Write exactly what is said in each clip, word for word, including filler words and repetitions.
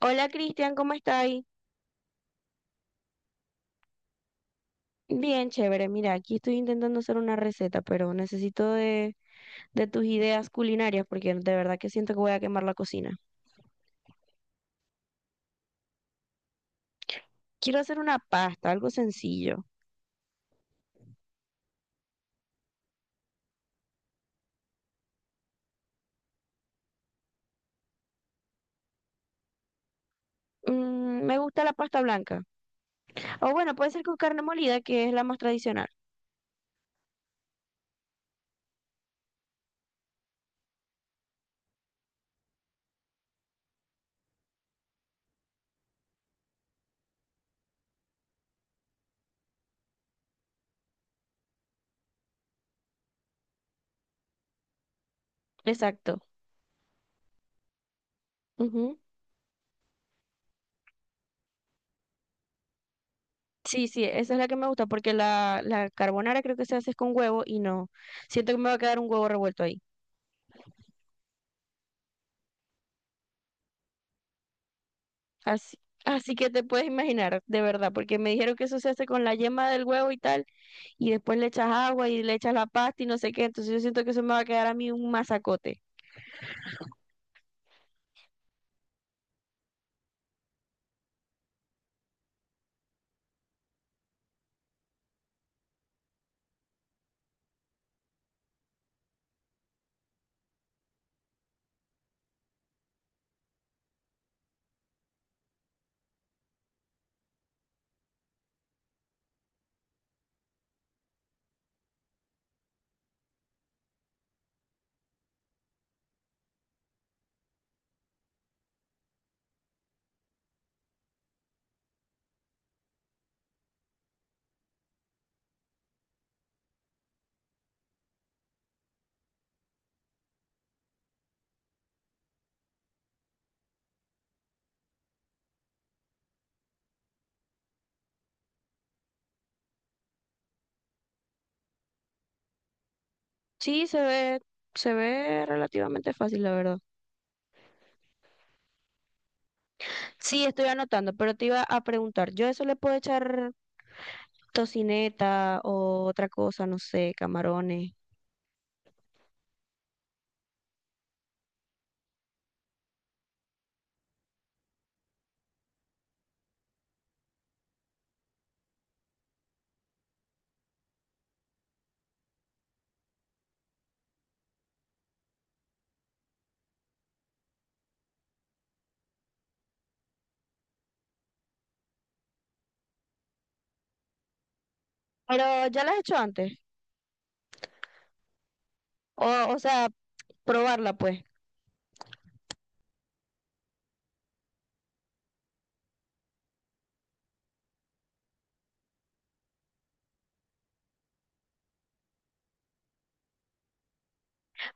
Hola Cristian, ¿cómo estáis? Bien, chévere. Mira, aquí estoy intentando hacer una receta, pero necesito de, de tus ideas culinarias porque de verdad que siento que voy a quemar la cocina. Quiero hacer una pasta, algo sencillo. Mm, me gusta la pasta blanca. O bueno, puede ser con carne molida, que es la más tradicional. Exacto. Ujú. Sí, sí, esa es la que me gusta porque la, la carbonara creo que se hace con huevo y no. Siento que me va a quedar un huevo revuelto ahí. Así, así que te puedes imaginar, de verdad, porque me dijeron que eso se hace con la yema del huevo y tal, y después le echas agua y le echas la pasta y no sé qué, entonces yo siento que eso me va a quedar a mí un masacote. Sí, se ve, se ve relativamente fácil, la verdad. Sí, estoy anotando, pero te iba a preguntar, yo a eso le puedo echar tocineta o otra cosa, no sé, camarones, pero ya las he hecho antes, o, o sea, probarla pues.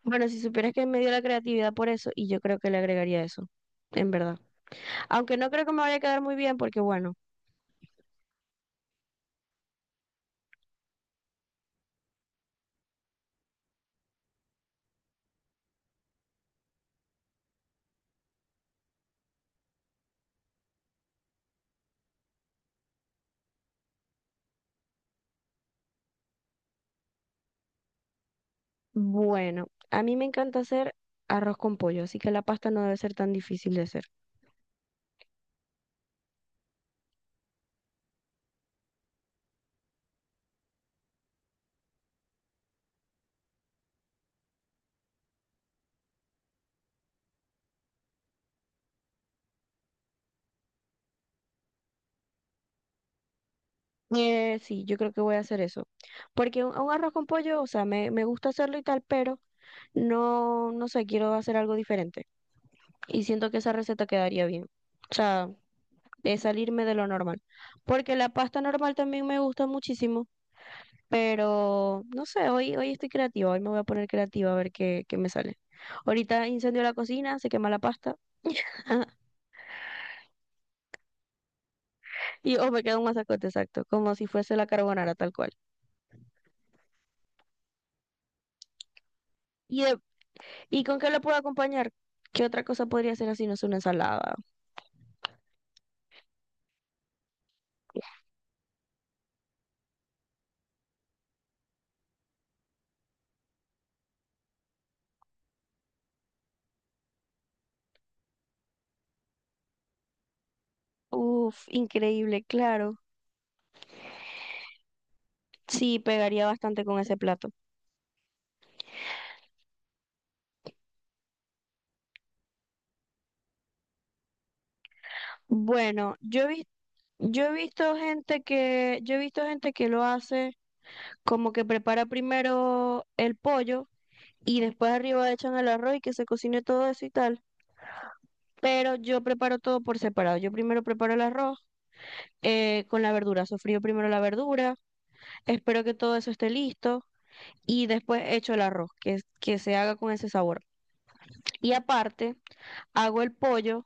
Bueno, si supieras que me dio la creatividad por eso, y yo creo que le agregaría eso, en verdad. Aunque no creo que me vaya a quedar muy bien porque, bueno, bueno, a mí me encanta hacer arroz con pollo, así que la pasta no debe ser tan difícil de hacer. Eh, sí, yo creo que voy a hacer eso. Porque un, un arroz con pollo, o sea, me, me gusta hacerlo y tal, pero no, no sé, quiero hacer algo diferente. Y siento que esa receta quedaría bien. O sea, es salirme de lo normal. Porque la pasta normal también me gusta muchísimo, pero no sé, hoy, hoy estoy creativa, hoy me voy a poner creativa a ver qué, qué me sale. Ahorita incendio la cocina, se quema la pasta y o me queda un masacote exacto, como si fuese la carbonara tal cual. ¿Y, de- ¿y con qué lo puedo acompañar? ¿Qué otra cosa podría ser así? No es una ensalada. Uf, increíble, claro. Sí, pegaría bastante con ese plato. Bueno, yo he visto Yo he visto gente que, yo he visto gente que lo hace como que prepara primero el pollo y después arriba echan el arroz y que se cocine todo eso y tal. Pero yo preparo todo por separado. Yo primero preparo el arroz eh, con la verdura. Sofrío primero la verdura, espero que todo eso esté listo y después echo el arroz, que, que se haga con ese sabor. Y aparte, hago el pollo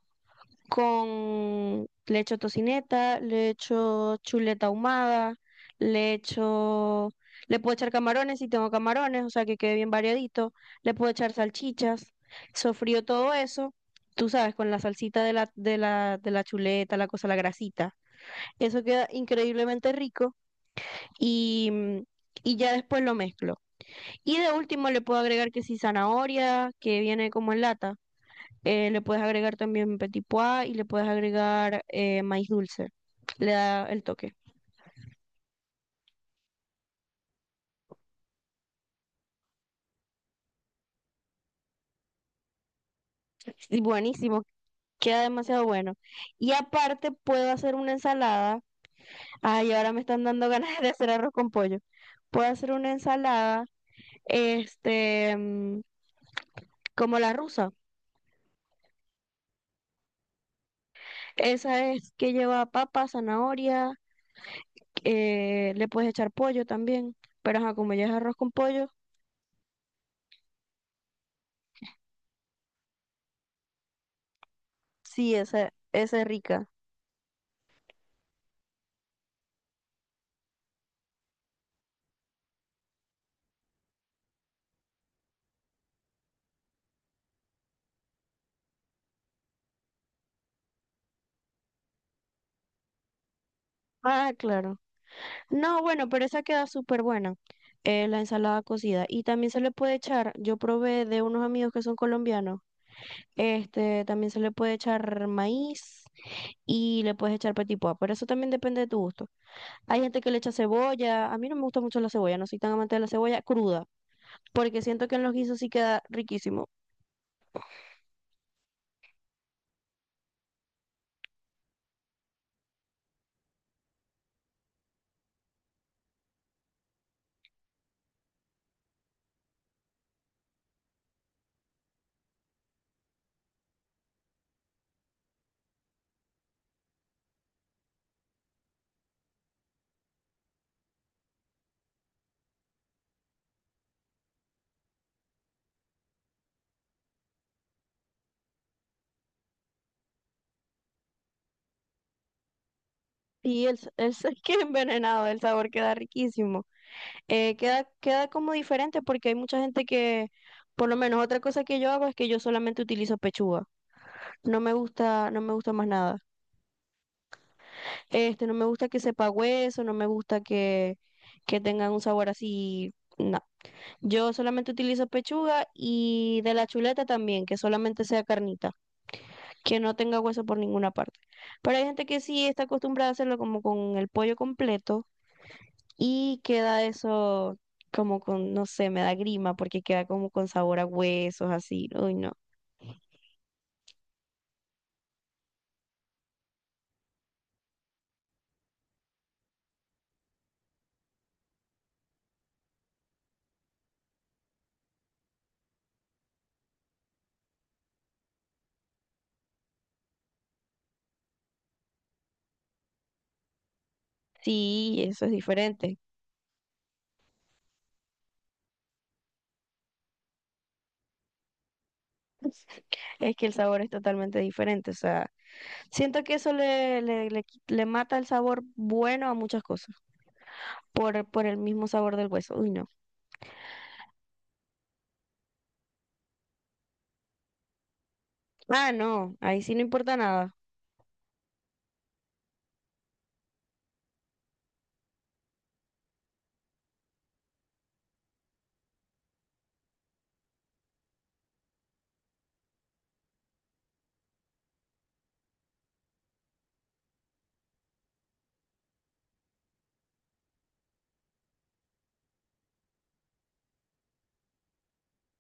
con, le echo tocineta, le echo chuleta ahumada, le echo, le puedo echar camarones si tengo camarones, o sea que quede bien variadito, le puedo echar salchichas, sofrío todo eso, tú sabes, con la salsita de la, de la, de la chuleta, la cosa, la grasita. Eso queda increíblemente rico y, mm, y ya después lo mezclo. Y de último le puedo agregar que si zanahoria, que viene como en lata, eh, le puedes agregar también petit pois y le puedes agregar eh, maíz dulce. Le da el toque. Y buenísimo, queda demasiado bueno. Y aparte puedo hacer una ensalada. Ay, ahora me están dando ganas de hacer arroz con pollo. Puedo hacer una ensalada, este, mm, como la rusa. Esa es que lleva papa, zanahoria, eh, le puedes echar pollo también, pero ajá, como ya es arroz con pollo, sí, esa, esa es rica. Ah, claro. No, bueno, pero esa queda súper buena, eh, la ensalada cocida. Y también se le puede echar, yo probé de unos amigos que son colombianos, este, también se le puede echar maíz y le puedes echar petit pois, pero eso también depende de tu gusto. Hay gente que le echa cebolla, a mí no me gusta mucho la cebolla, no soy tan amante de la cebolla cruda, porque siento que en los guisos sí queda riquísimo. Sí, el, s- el s- que envenenado, el sabor queda riquísimo. Eh, queda, queda como diferente porque hay mucha gente que, por lo menos otra cosa que yo hago es que yo solamente utilizo pechuga. No me gusta, no me gusta más nada. Este, no me gusta que sepa hueso, no me gusta que, que tengan un sabor así. No. Yo solamente utilizo pechuga y de la chuleta también, que solamente sea carnita, que no tenga hueso por ninguna parte. Pero hay gente que sí está acostumbrada a hacerlo como con el pollo completo y queda eso como con, no sé, me da grima porque queda como con sabor a huesos, así. Uy, no. Sí, eso es diferente. Es que el sabor es totalmente diferente. O sea, siento que eso le, le, le qui- le mata el sabor bueno a muchas cosas por, por el mismo sabor del hueso. Uy, no. Ah, no, ahí sí no importa nada.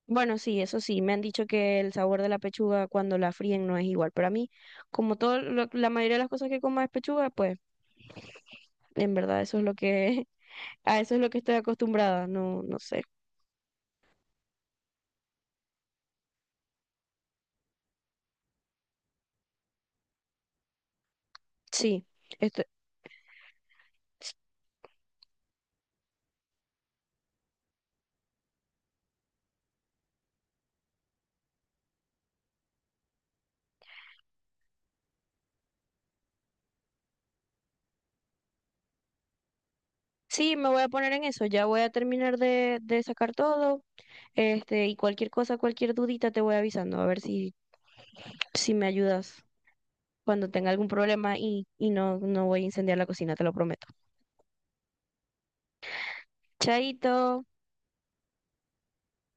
Bueno, sí, eso sí, me han dicho que el sabor de la pechuga cuando la fríen no es igual, pero a mí, como todo, lo- la mayoría de las cosas que como es pechuga, pues en verdad eso es lo que, a eso es lo que estoy acostumbrada, no, no sé. Sí, esto sí, me voy a poner en eso. Ya voy a terminar de, de sacar todo. Este, y cualquier cosa, cualquier dudita te voy avisando. A ver si, si me ayudas cuando tenga algún problema y, y no, no voy a incendiar la cocina, te lo prometo. Chaito.